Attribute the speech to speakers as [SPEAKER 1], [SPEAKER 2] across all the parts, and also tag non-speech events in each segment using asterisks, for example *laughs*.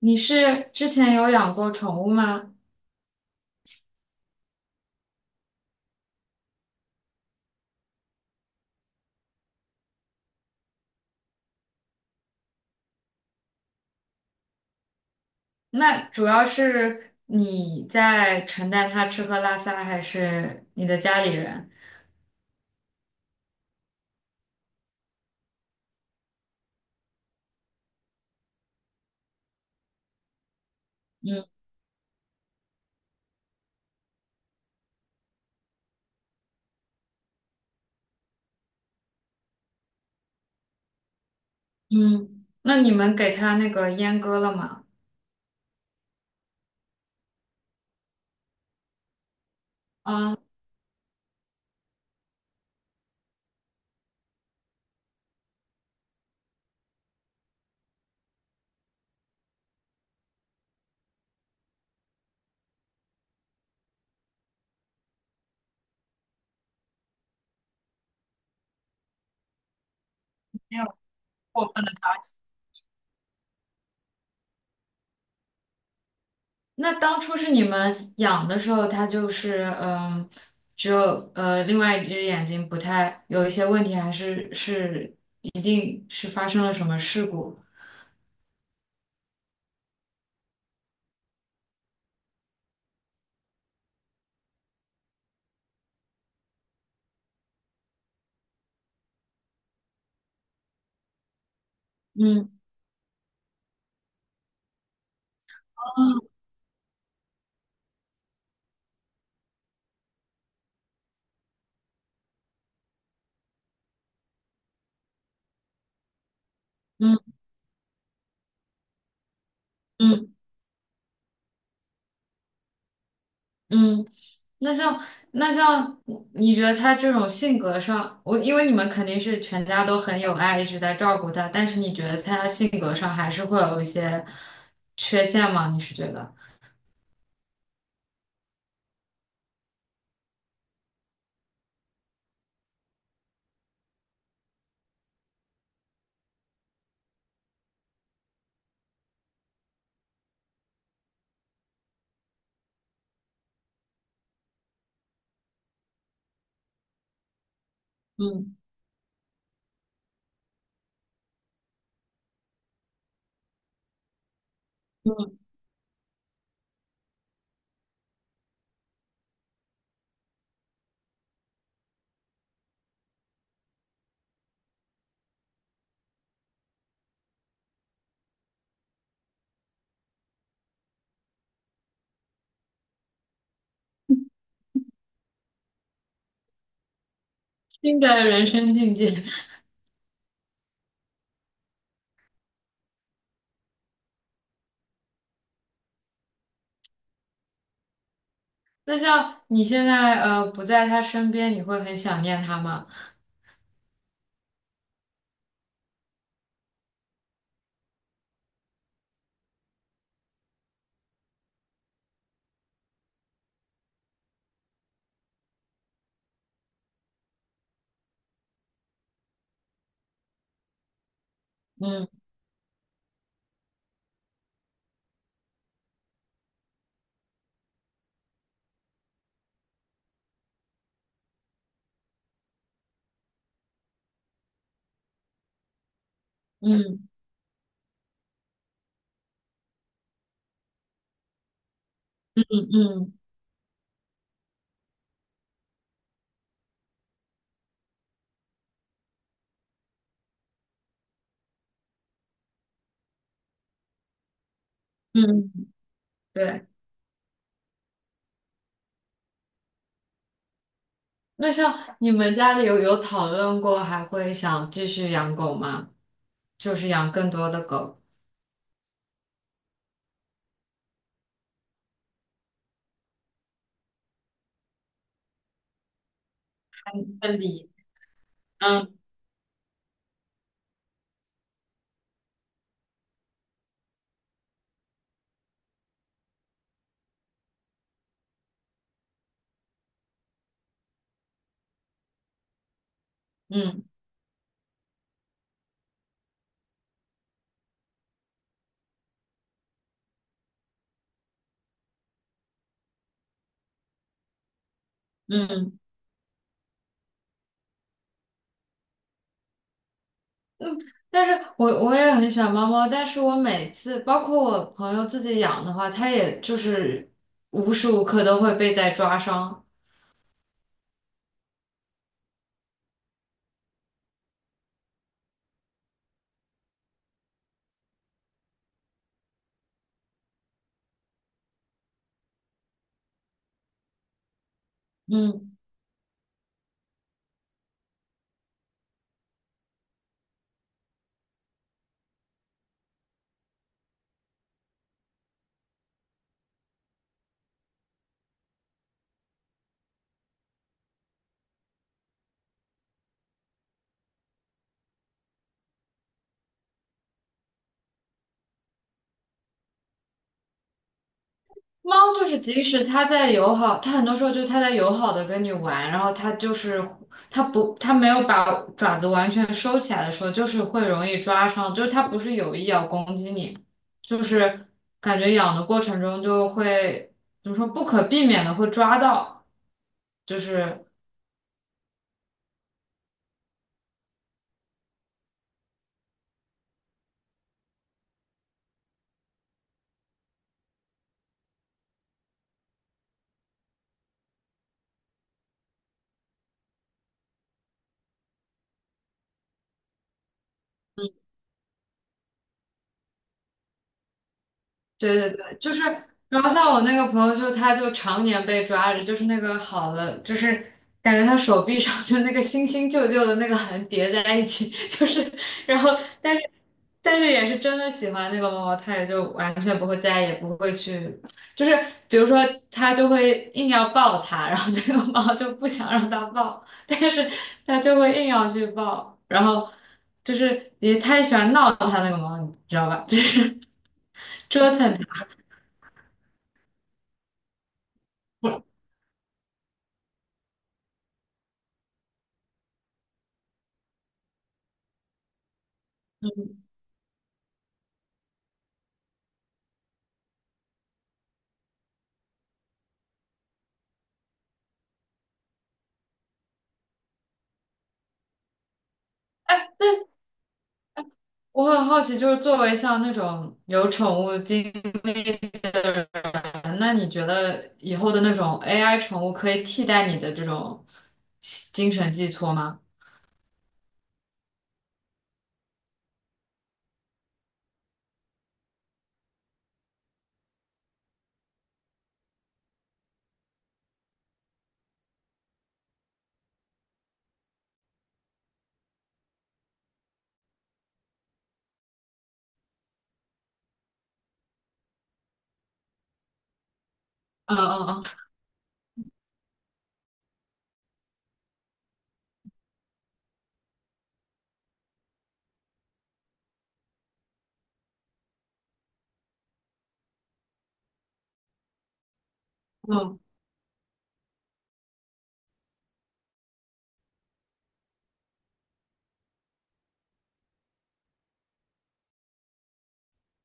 [SPEAKER 1] 你是之前有养过宠物吗？那主要是你在承担它吃喝拉撒，还是你的家里人？嗯嗯，那你们给它那个阉割了吗？啊，没有过分的操心。那当初是你们养的时候，它就是只有另外一只眼睛不太有一些问题，还是一定是发生了什么事故？嗯嗯嗯嗯。嗯。那像那像你觉得他这种性格上，我因为你们肯定是全家都很有爱，一直在照顾他，但是你觉得他性格上还是会有一些缺陷吗？你是觉得？嗯嗯，新的人生境界。*laughs* 那像你现在不在他身边，你会很想念他吗？嗯嗯嗯嗯嗯，对。那像你们家里有讨论过还会想继续养狗吗？就是养更多的狗。分离。嗯嗯嗯，但是我也很喜欢猫猫，但是我每次包括我朋友自己养的话，它也就是无时无刻都会被在抓伤。嗯。猫就是，即使它在友好，它很多时候就是它在友好的跟你玩，然后它就是它不，它没有把爪子完全收起来的时候，就是会容易抓伤，就是它不是有意要攻击你，就是感觉养的过程中就会怎么说不可避免的会抓到，就是对对对，就是，然后像我那个朋友就，他就常年被抓着，就是那个好的，就是感觉他手臂上就那个新新旧旧的那个痕叠在一起，*laughs* 就是，然后但是但是也是真的喜欢那个猫猫，他也就完全不会再也不会去，就是比如说他就会硬要抱它，然后这个猫就不想让它抱，但是他就会硬要去抱，然后就是也太喜欢闹他那个猫，你知道吧？就是 *laughs* 折腾它。我很好奇，就是作为像那种有宠物经验，那你觉得以后的那种 AI 宠物可以替代你的这种精神寄托吗？嗯嗯嗯。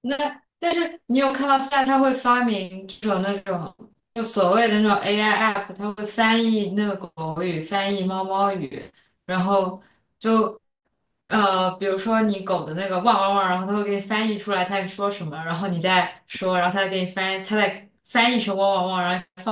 [SPEAKER 1] 那但是你有看到现在它会发明这种那种就所谓的那种 AI app，它会翻译那个狗语，翻译猫猫语，然后就比如说你狗的那个汪汪汪，然后它会给你翻译出来它在说什么，然后你再说，然后它再给你翻译，它再翻译成汪汪汪，然后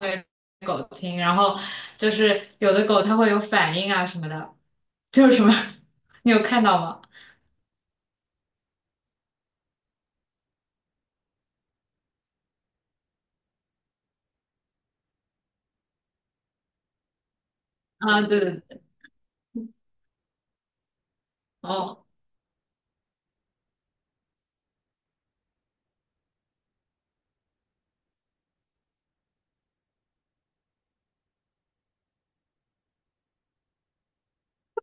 [SPEAKER 1] 给狗听，然后就是有的狗它会有反应啊什么的，就是什么，*laughs* 你有看到吗？啊，对对对，哦。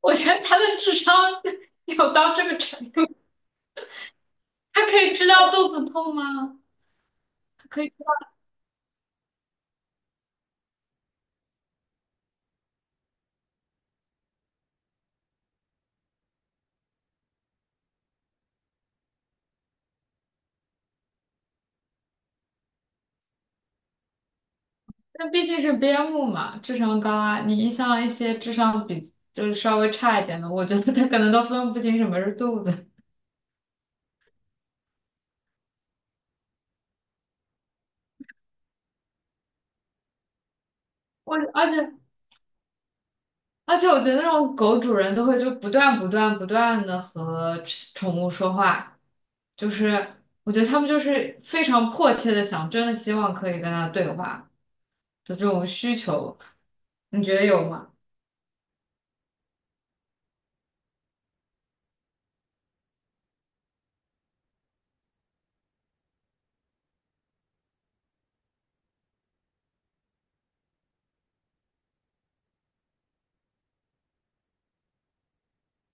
[SPEAKER 1] 我觉得他的智商有到这个程度，他可以知道肚子痛吗？他可以。那毕竟是边牧嘛，智商高啊。你像一些智商比就是稍微差一点的，我觉得他可能都分不清什么是肚子。我而且而且，我觉得那种狗主人都会就不断不断不断的和宠物说话，就是我觉得他们就是非常迫切的想，真的希望可以跟他对话的这种需求，你觉得有吗？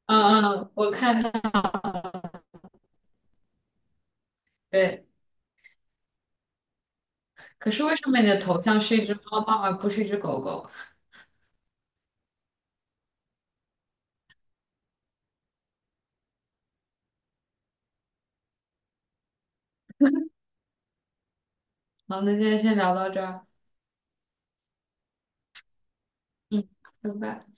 [SPEAKER 1] 嗯嗯，我看。对，可是为什么你的头像是一只猫猫而不是一只狗狗？好，那今天先聊到这儿。嗯，拜拜。